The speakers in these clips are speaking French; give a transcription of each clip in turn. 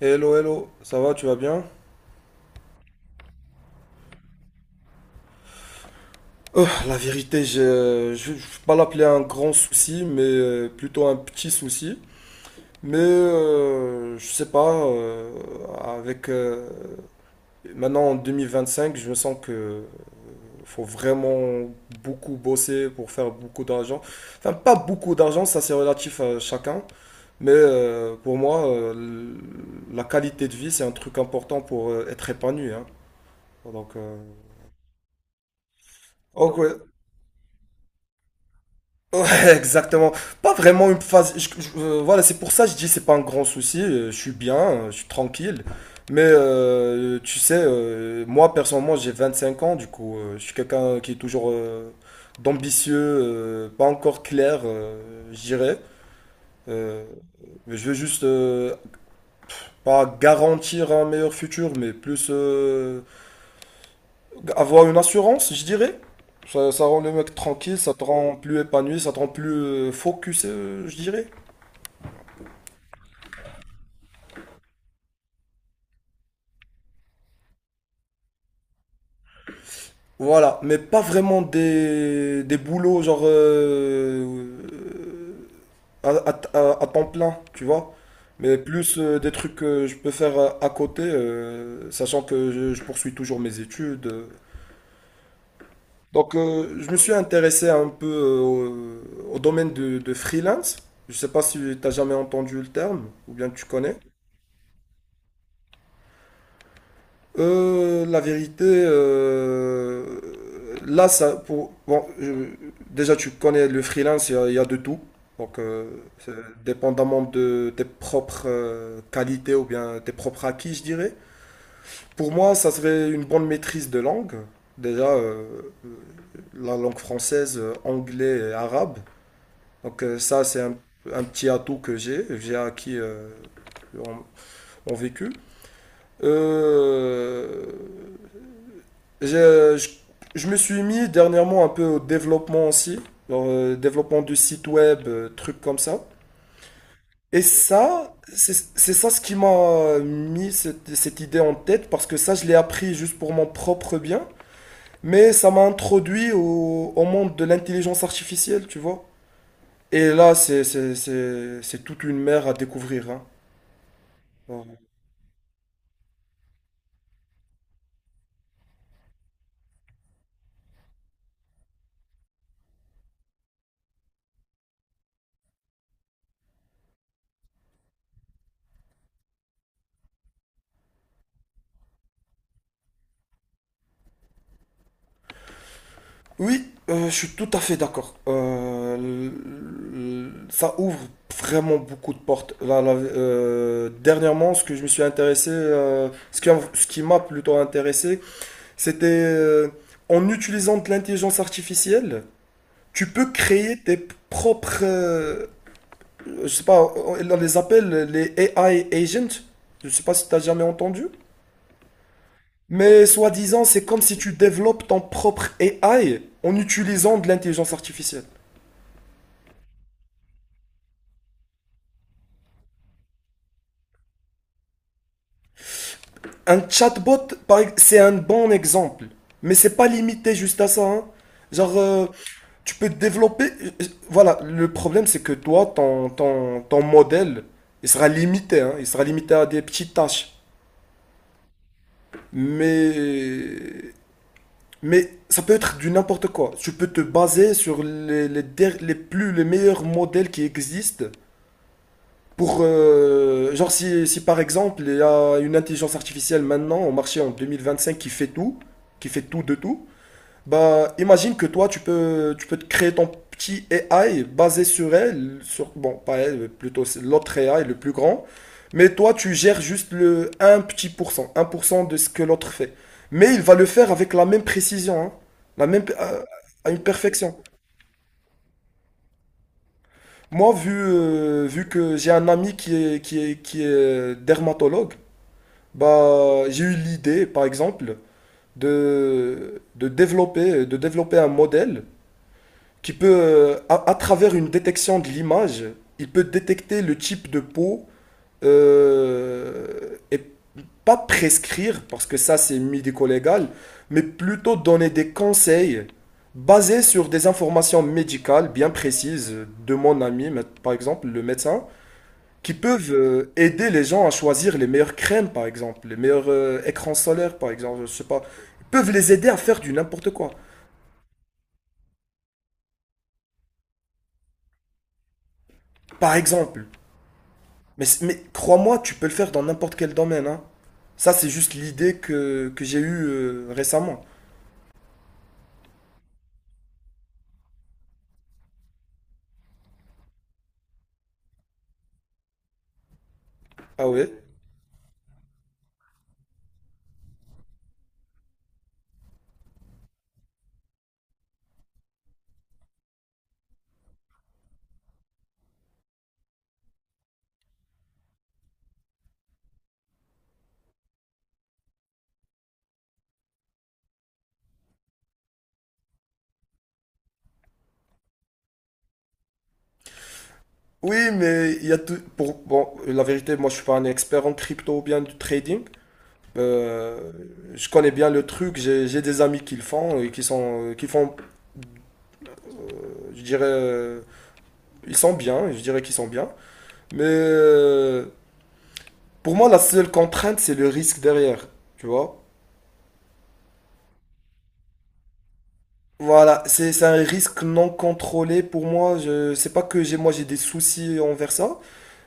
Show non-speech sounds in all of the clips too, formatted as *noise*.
Hello, hello, ça va, tu vas bien? La vérité, je ne vais pas l'appeler un grand souci, mais plutôt un petit souci. Mais je sais pas, avec maintenant en 2025, je me sens que faut vraiment beaucoup bosser pour faire beaucoup d'argent. Enfin, pas beaucoup d'argent, ça c'est relatif à chacun, mais pour moi, la qualité de vie, c'est un truc important pour être épanoui, hein. Donc, ok, ouais. Ouais, *laughs* exactement. Pas vraiment une phase. Voilà, c'est pour ça que je dis c'est pas un grand souci. Je suis bien, je suis tranquille. Mais tu sais, moi personnellement, j'ai 25 ans. Du coup, je suis quelqu'un qui est toujours d'ambitieux, pas encore clair, je dirais. Euh, mais je veux juste pas garantir un meilleur futur, mais plus avoir une assurance, je dirais. Ça rend le mec tranquille, ça te rend plus épanoui, ça te rend plus focus, je dirais. Voilà, mais pas vraiment des boulots genre à temps plein, tu vois. Mais plus des trucs que je peux faire à côté, sachant que je poursuis toujours mes études. Donc je me suis intéressé un peu au domaine de freelance. Je sais pas si tu as jamais entendu le terme, ou bien tu connais. La vérité, là, ça, pour, bon, déjà, tu connais le freelance, il y a de tout. Donc, c'est dépendamment de tes propres qualités ou bien tes propres acquis, je dirais. Pour moi, ça serait une bonne maîtrise de langue. Déjà, la langue française, anglais et arabe. Donc, ça, c'est un petit atout que j'ai acquis en, en vécu. Euh, Je, je, je me suis mis dernièrement un peu au développement aussi, genre, développement du site web, trucs comme ça. Et ça, c'est ça ce qui m'a mis cette idée en tête, parce que ça, je l'ai appris juste pour mon propre bien, mais ça m'a introduit au monde de l'intelligence artificielle, tu vois. Et là, c'est toute une mer à découvrir, hein. Oui, je suis tout à fait d'accord. Ça ouvre vraiment beaucoup de portes. Dernièrement, ce que je me suis intéressé, ce qui m'a plutôt intéressé, c'était en utilisant de l'intelligence artificielle, tu peux créer tes propres, je sais pas, on les appelle les AI agents. Je sais pas si tu as jamais entendu. Mais soi-disant, c'est comme si tu développes ton propre AI en utilisant de l'intelligence artificielle. Un chatbot, c'est un bon exemple, mais c'est pas limité juste à ça, hein. Genre, tu peux développer. Voilà, le problème c'est que toi, ton modèle, il sera limité, hein. Il sera limité à des petites tâches. Mais, mais ça peut être du n'importe quoi. Tu peux te baser sur les, der- les plus, les meilleurs modèles qui existent pour, genre, si par exemple, il y a une intelligence artificielle maintenant au marché en 2025 qui fait tout de tout, bah, imagine que toi, tu peux te créer ton petit AI basé sur elle, sur, bon, pas elle, plutôt c'est l'autre AI, le plus grand, mais toi, tu gères juste le un petit pour cent un pour cent de ce que l'autre fait. Mais il va le faire avec la même précision, hein, la même, à une perfection. Moi, vu que j'ai un ami qui est dermatologue, bah, j'ai eu l'idée, par exemple, de développer un modèle qui peut, à travers une détection de l'image, il peut détecter le type de peau et pas prescrire, parce que ça c'est médico-légal, mais plutôt donner des conseils basés sur des informations médicales bien précises de mon ami, par exemple, le médecin qui peuvent aider les gens à choisir les meilleures crèmes, par exemple, les meilleurs écrans solaires, par exemple, je sais pas. Ils peuvent les aider à faire du n'importe quoi. Par exemple. Mais crois-moi, tu peux le faire dans n'importe quel domaine, hein. Ça, c'est juste l'idée que j'ai eue récemment. Ah ouais? Oui, mais il y a tout. Pour, bon, la vérité, moi, je suis pas un expert en crypto ou bien du trading. Euh, je connais bien le truc. J'ai des amis qui le font et qui sont, qui font, je dirais, ils sont bien. Je dirais qu'ils sont bien. Mais pour moi, la seule contrainte, c'est le risque derrière, tu vois. Voilà, c'est un risque non contrôlé pour moi. Je sais pas que j'ai moi j'ai des soucis envers ça,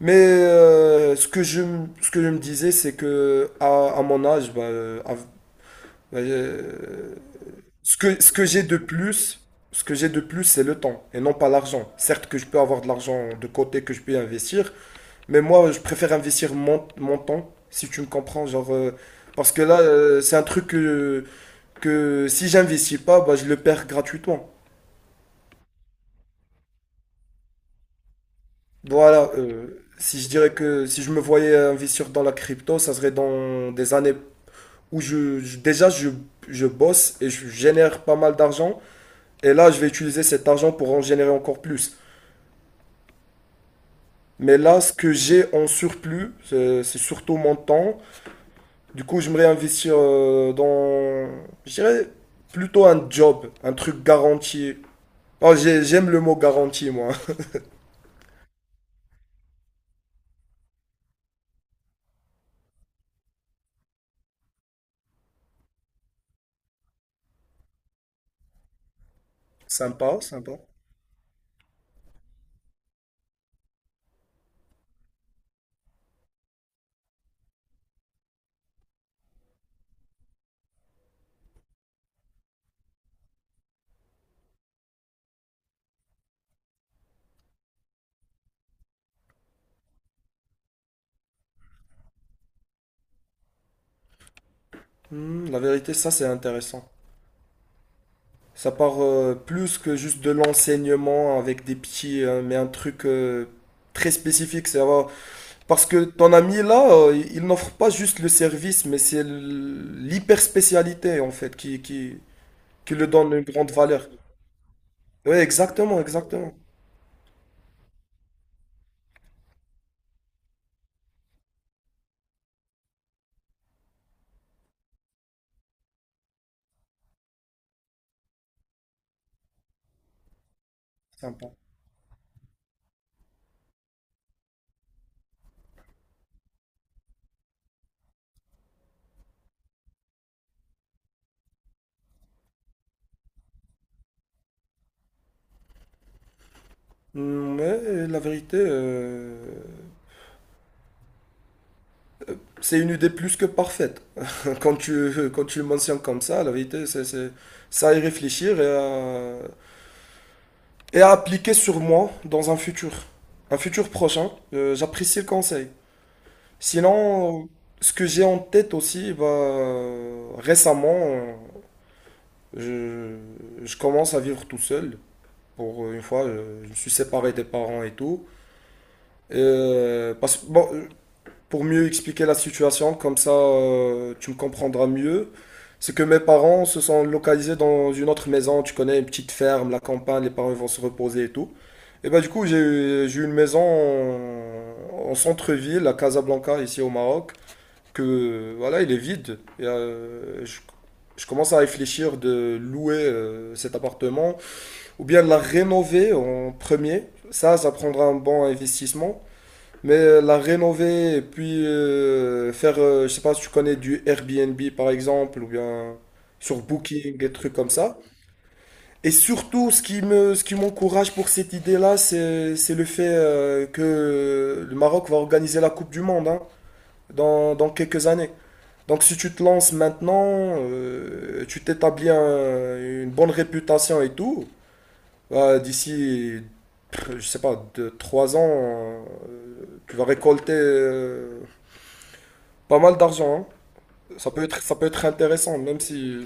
mais ce que je me disais c'est que à mon âge, bah, bah, euh, ce que j'ai de plus, ce que j'ai de plus c'est le temps et non pas l'argent. Certes que je peux avoir de l'argent de côté que je peux investir, mais moi, je préfère investir mon temps, si tu me comprends. Genre, parce que là, c'est un truc que si j'investis pas, bah, je le perds gratuitement. Voilà. Si je dirais que si je me voyais investir dans la crypto, ça serait dans des années où je bosse et je génère pas mal d'argent. Et là, je vais utiliser cet argent pour en générer encore plus. Mais là, ce que j'ai en surplus, c'est surtout mon temps. Du coup, j'aimerais investir dans, je dirais, plutôt un job, un truc garanti. Oh, j'aime le mot garanti, moi. *laughs* Sympa, sympa. Hmm, la vérité, ça, c'est intéressant. Ça part plus que juste de l'enseignement avec des petits, mais un truc très spécifique. Ça va. Parce que ton ami, là, il n'offre pas juste le service, mais c'est l'hyper spécialité, en fait, qui le donne une grande valeur. Oui, exactement, exactement. Sympa. Mm, mais la vérité, c'est une idée plus que parfaite. *laughs* Quand tu le mentionnes comme ça, la vérité, c'est à y réfléchir et à appliquer sur moi dans un futur prochain. J'apprécie le conseil. Sinon, ce que j'ai en tête aussi, bah, récemment, je, je commence à vivre tout seul. Pour une fois, je me suis séparé des parents et tout. Parce, bon, pour mieux expliquer la situation, comme ça tu me comprendras mieux. C'est que mes parents se sont localisés dans une autre maison, tu connais, une petite ferme, la campagne, les parents vont se reposer et tout. Et bah du coup, j'ai eu une maison en centre-ville, à Casablanca, ici au Maroc, que voilà, il est vide. Et, je commence à réfléchir de louer cet appartement, ou bien de la rénover en premier. Ça prendra un bon investissement. Mais la rénover et puis faire, je sais pas si tu connais du Airbnb par exemple, ou bien sur Booking, des trucs comme ça. Et surtout, ce qui m'encourage pour cette idée-là, c'est le fait que le Maroc va organiser la Coupe du Monde, hein, dans quelques années. Donc si tu te lances maintenant, une bonne réputation et tout, bah, d'ici, pff, je sais pas, deux, trois ans, tu vas récolter... pas mal d'argent. Hein. Ça peut être intéressant, même si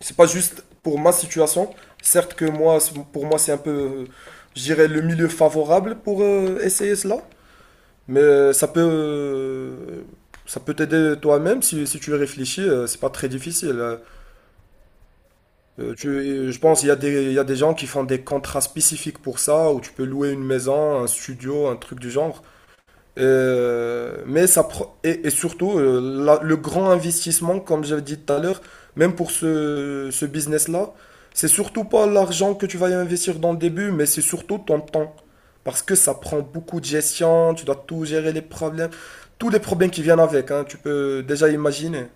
c'est pas juste pour ma situation. Certes que moi, pour moi, c'est un peu, je dirais, le milieu favorable pour essayer cela. Mais ça peut t'aider toi-même si tu réfléchis. C'est pas très difficile. Je pense qu'il y a il y a des gens qui font des contrats spécifiques pour ça, où tu peux louer une maison, un studio, un truc du genre. Et surtout le grand investissement, comme j'avais dit tout à l'heure, même pour ce business-là, c'est surtout pas l'argent que tu vas y investir dans le début, mais c'est surtout ton temps. Parce que ça prend beaucoup de gestion, tu dois tout gérer les problèmes, tous les problèmes qui viennent avec, hein, tu peux déjà imaginer.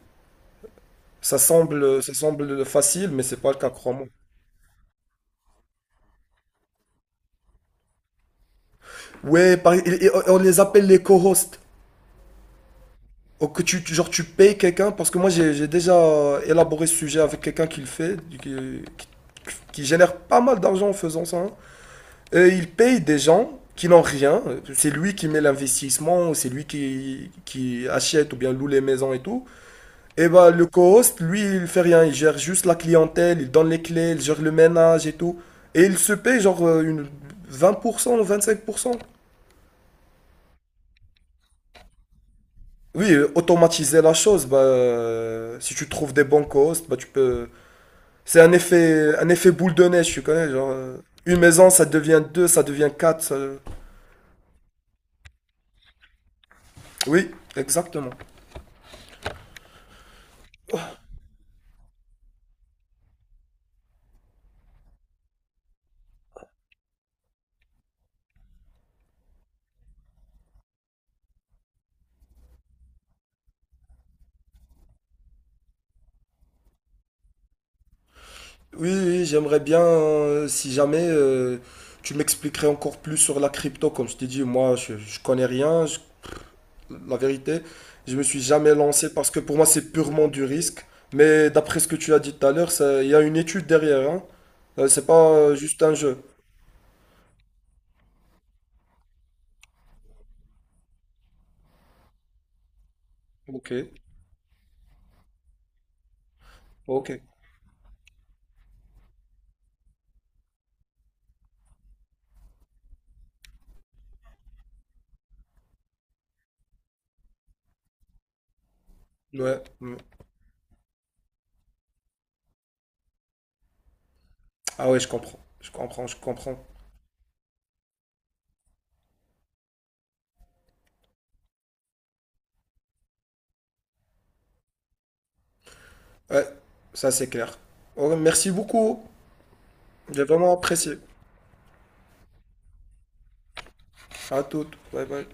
Ça semble facile, mais c'est pas le cas, crois-moi. Ouais, et on les appelle les co-hosts. Ou que tu, genre, tu payes quelqu'un, parce que moi j'ai déjà élaboré ce sujet avec quelqu'un qui le fait, qui génère pas mal d'argent en faisant ça, hein. Et il paye des gens qui n'ont rien. C'est lui qui met l'investissement, c'est lui qui achète ou bien loue les maisons et tout. Et bah le co-host, lui, il fait rien. Il gère juste la clientèle, il donne les clés, il gère le ménage et tout. Et il se paye genre une 20% ou 25%. Oui, automatiser la chose, bah, si tu trouves des bons co-hosts, bah, tu peux... un effet boule de neige, tu connais, genre, une maison, ça devient deux, ça devient quatre. Oui, exactement. Oui, oui, j'aimerais bien, si jamais tu m'expliquerais encore plus sur la crypto, comme je t'ai dit, moi, je connais rien, la vérité, je me suis jamais lancé parce que pour moi, c'est purement du risque. Mais d'après ce que tu as dit tout à l'heure, il y a une étude derrière, hein. C'est pas juste un jeu. Ok, ok. Ouais, ouais. Ah ouais, je comprends. Je comprends, je comprends. Ouais, ça c'est clair. Ouais, merci beaucoup. J'ai vraiment apprécié. À toutes. Bye bye.